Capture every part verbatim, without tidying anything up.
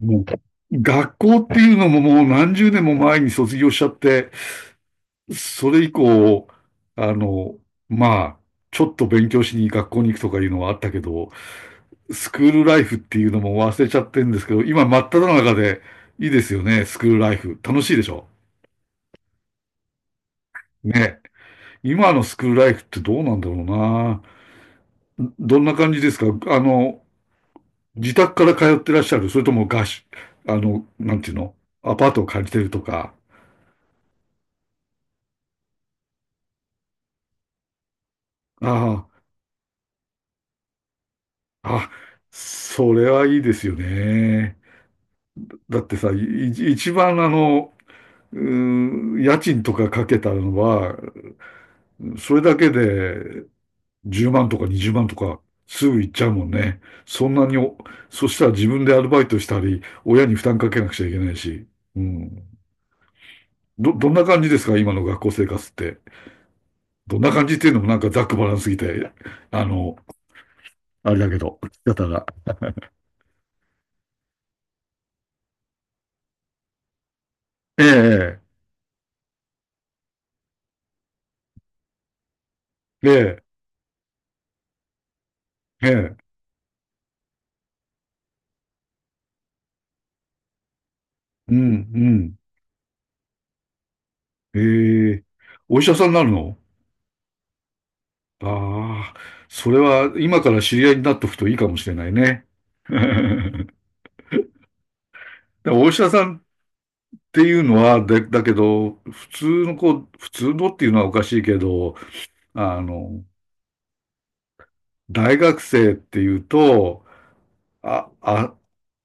もう、学校っていうのももう何十年も前に卒業しちゃって、それ以降、あの、まあ、ちょっと勉強しに学校に行くとかいうのはあったけど、スクールライフっていうのも忘れちゃってるんですけど、今真っ只中でいいですよね、スクールライフ。楽しいでしょね。今のスクールライフってどうなんだろうな。どんな感じですか？あの、自宅から通ってらっしゃる？それとも合宿、あの、なんていうの？アパートを借りてるとか。ああ。あ、それはいいですよね。だってさ、い一番あの、うーん、家賃とかかけたのは、それだけでじゅうまんとかにじゅうまんとかすぐ行っちゃうもんね。そんなにお、そしたら自分でアルバイトしたり、親に負担かけなくちゃいけないし。うん。ど、どんな感じですか今の学校生活って。どんな感じっていうのもなんかざっくばらんすぎて、あの、あれだけど、だったら。ええ、ええ、ええ、ええ、うん、うん。ええ、お医者さんになるの？ああ、それは今から知り合いになっとくといいかもしれないね。でもお医者さんっていうのは、で、だけど、普通の子、普通のっていうのはおかしいけど、あの、大学生っていうと、あ、あ、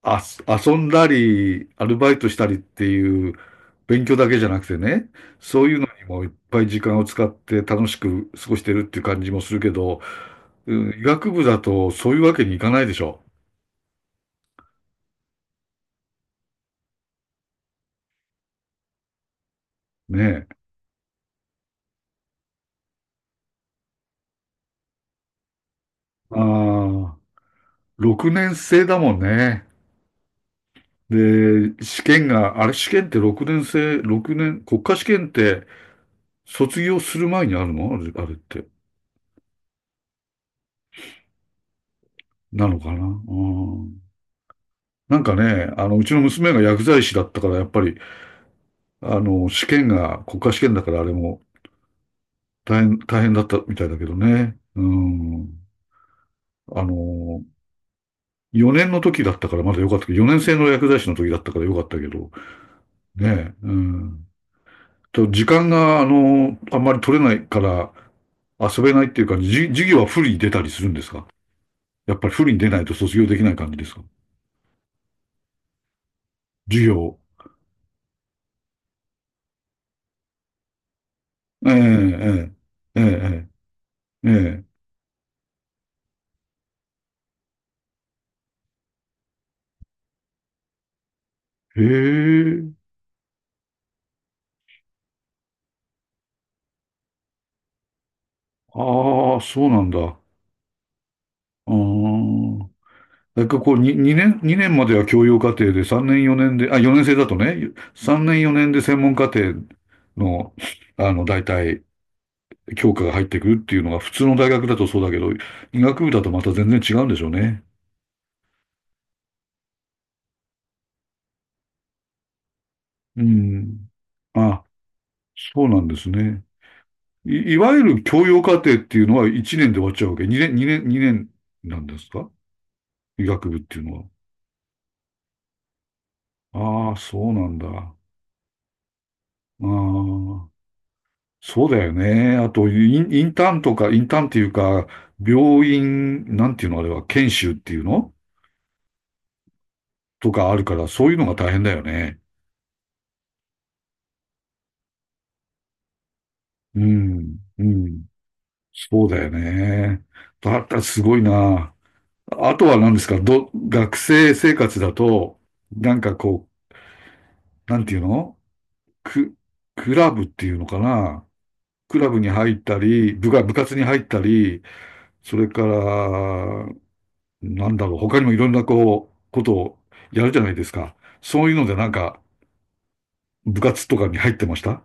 あ、遊んだり、アルバイトしたりっていう、勉強だけじゃなくてね、そういうのにもいっぱい時間を使って楽しく過ごしてるっていう感じもするけど、うん、医学部だとそういうわけにいかないでしょ。ねえ。ああ、ろくねん生だもんね。で、試験が、あれ試験ってろくねん生、六年、国家試験って卒業する前にあるの？あれ、あれって。なのかな？うん。なんかね、あの、うちの娘が薬剤師だったから、やっぱり、あの、試験が国家試験だからあれも大変、大変だったみたいだけどね。うん。あの、よねんの時だったからまだ良かったけど、よねん生の薬剤師の時だったから良かったけど、ねえ、うん。と時間が、あの、あんまり取れないから遊べないっていうか、じ授業は不利に出たりするんですか？やっぱり不利に出ないと卒業できない感じですか？授業。ええ、ええ、ええ、ええ。ええへえ。ああ、そうなんだ。うーん。なんかこう、に2、年、にねんまでは教養課程で、3年4年で、あ、よねん生だとね、さんねんよねんで専門課程の、あの、大体、教科が入ってくるっていうのが普通の大学だとそうだけど、医学部だとまた全然違うんでしょうね。うん。あ、そうなんですね。い、いわゆる教養課程っていうのはいちねんで終わっちゃうわけ。にねん、にねん、にねんなんですか医学部っていうのは。ああ、そうなんだ。ああ。そうだよね。あと、イン、インターンとか、インターンっていうか、病院、なんていうのあれは、研修っていうのとかあるから、そういうのが大変だよね。うん、うん。そうだよね。だったらすごいな。あとは何ですか？ど、学生生活だと、なんかこう、なんていうの？ク、クラブっていうのかな？クラブに入ったり、部が、部活に入ったり、それから、なんだろう、他にもいろんなこう、ことをやるじゃないですか。そういうのでなんか、部活とかに入ってました？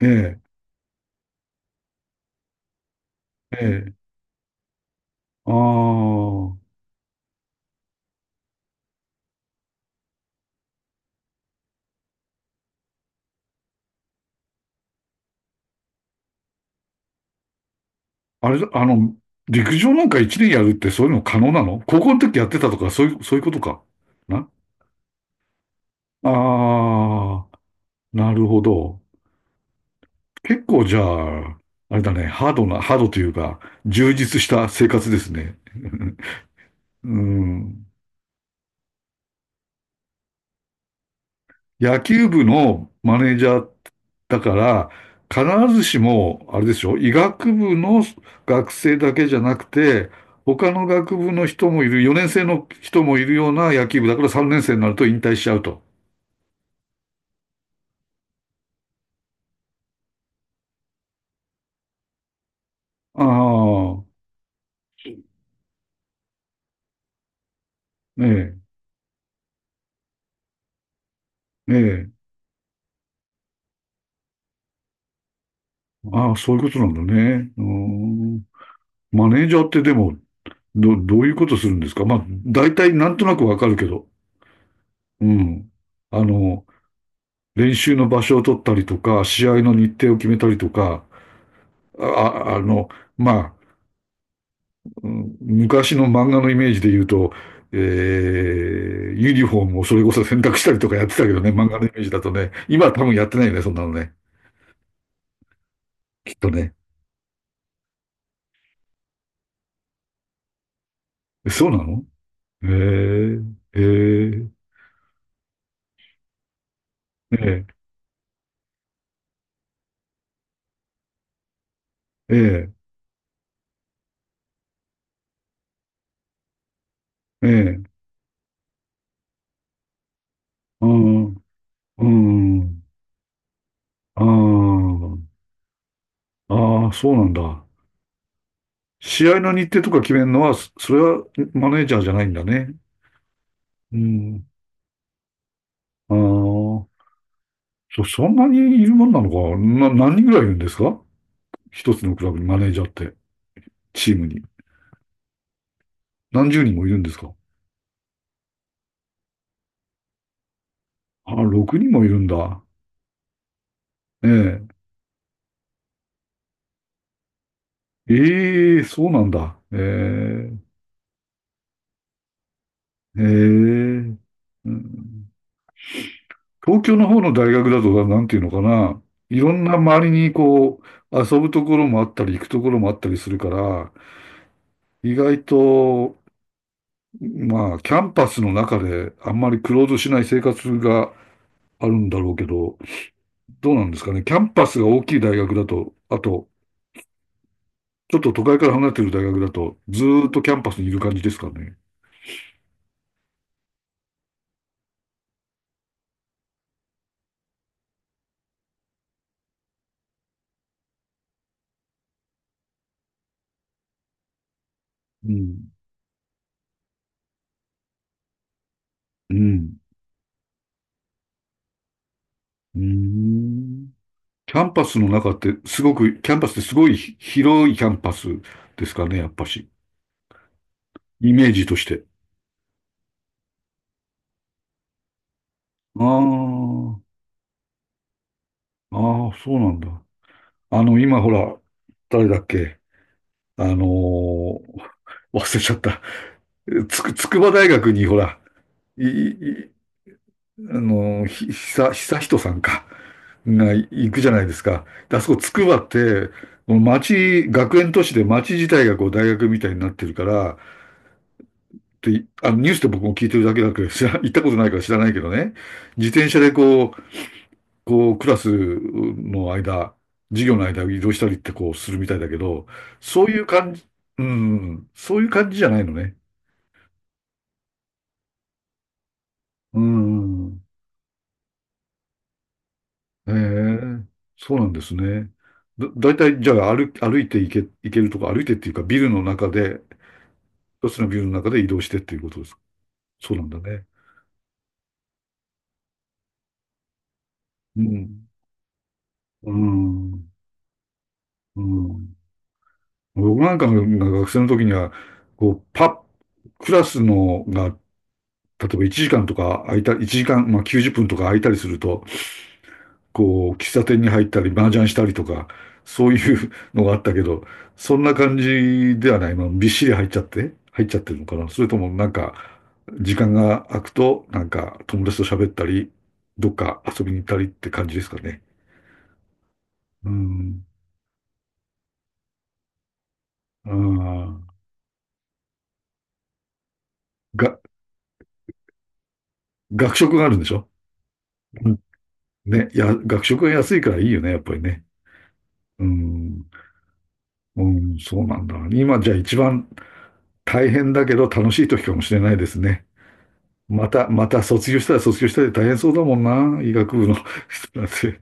ええ、ええ。ああ、あれ、あの、陸上なんか一年やるってそういうの可能なの？高校の時やってたとか、そういう、そういうことか。なああ、なるほど。結構じゃあ、あれだね、ハードな、ハードというか、充実した生活ですね。うん。野球部のマネージャーだから、必ずしも、あれですよ、医学部の学生だけじゃなくて、他の学部の人もいる、よねん生の人もいるような野球部だからさんねん生になると引退しちゃうと。ああ、ええ、ええ。ああ、そういうことなんだね。うーん。マネージャーってでも、ど、どういうことするんですか？まあ、大体なんとなくわかるけど。うん。あの、練習の場所を取ったりとか、試合の日程を決めたりとか、あ、ああの、まあ、うん昔の漫画のイメージで言うと、えー、ユニフォームをそれこそ洗濯したりとかやってたけどね、漫画のイメージだとね、今は多分やってないよね、そんなのね。きっとね。え、そうなの？へえー、へえー、えー、えー、えー、うん、うん、あー、あー、そうなんだ。試合の日程とか決めるのは、そそれはマネージャーじゃないんだね。うん、ああ、そ、そんなにいるもんなのかな、何人ぐらいいるんですか？一つのクラブにマネージャーって、チームに。何十人もいるんですか？あ、ろくにんもいるんだ。ええ。えー、そうなんだ。ええ、ええ、うん。東京の方の大学だと、なんていうのかな。いろんな周りにこう、遊ぶところもあったり、行くところもあったりするから、意外と、まあ、キャンパスの中であんまりクローズしない生活があるんだろうけど、どうなんですかね。キャンパスが大きい大学だと、あと、ちょっと都会から離れてる大学だと、ずーっとキャンパスにいる感じですかね。うん。うん。うーん。キャンパスの中ってすごく、キャンパスってすごいひ広いキャンパスですかね、やっぱし。イメージとして。ああ、ああ、そうなんだ。あの、今ほら、誰だっけ？あのー忘れちゃった。つく、筑波大学にほら、い、い、あの、ひ、久、久人さんか、が行くじゃないですか。であそこ、つくばって、もう町、学園都市で町自体がこう大学みたいになってるから、で、あのニュースで僕も聞いてるだけだけど、知ら、行ったことないから知らないけどね、自転車でこう、こう、クラスの間、授業の間を移動したりってこうするみたいだけど、そういう感じ、うん、そういう感じじゃないのね。うん。ええ、そうなんですね。だ、だいたい、じゃあ歩、歩いていけ、行けるとこ、歩いてっていうか、ビルの中で、一つのビルの中で移動してっていうことですか。そうなんだね。うん。うん。うん。僕なんかが学生の時には、こう、パッ、クラスのが、例えばいちじかんとか空いた、いちじかん、まあきゅうじゅっぷんとか空いたりすると、こう、喫茶店に入ったり、麻雀したりとか、そういうのがあったけど、そんな感じではない。まあ、びっしり入っちゃって、入っちゃってるのかな。それともなんか、時間が空くと、なんか、友達と喋ったり、どっか遊びに行ったりって感じですかね。うん。ああ。が、学食があるんでしょ？うんね、や、学食が安いからいいよね、やっぱりね。うん。うん、そうなんだ。今じゃあ一番大変だけど楽しい時かもしれないですね。また、また卒業したら卒業したで大変そうだもんな。医学部の人なんて。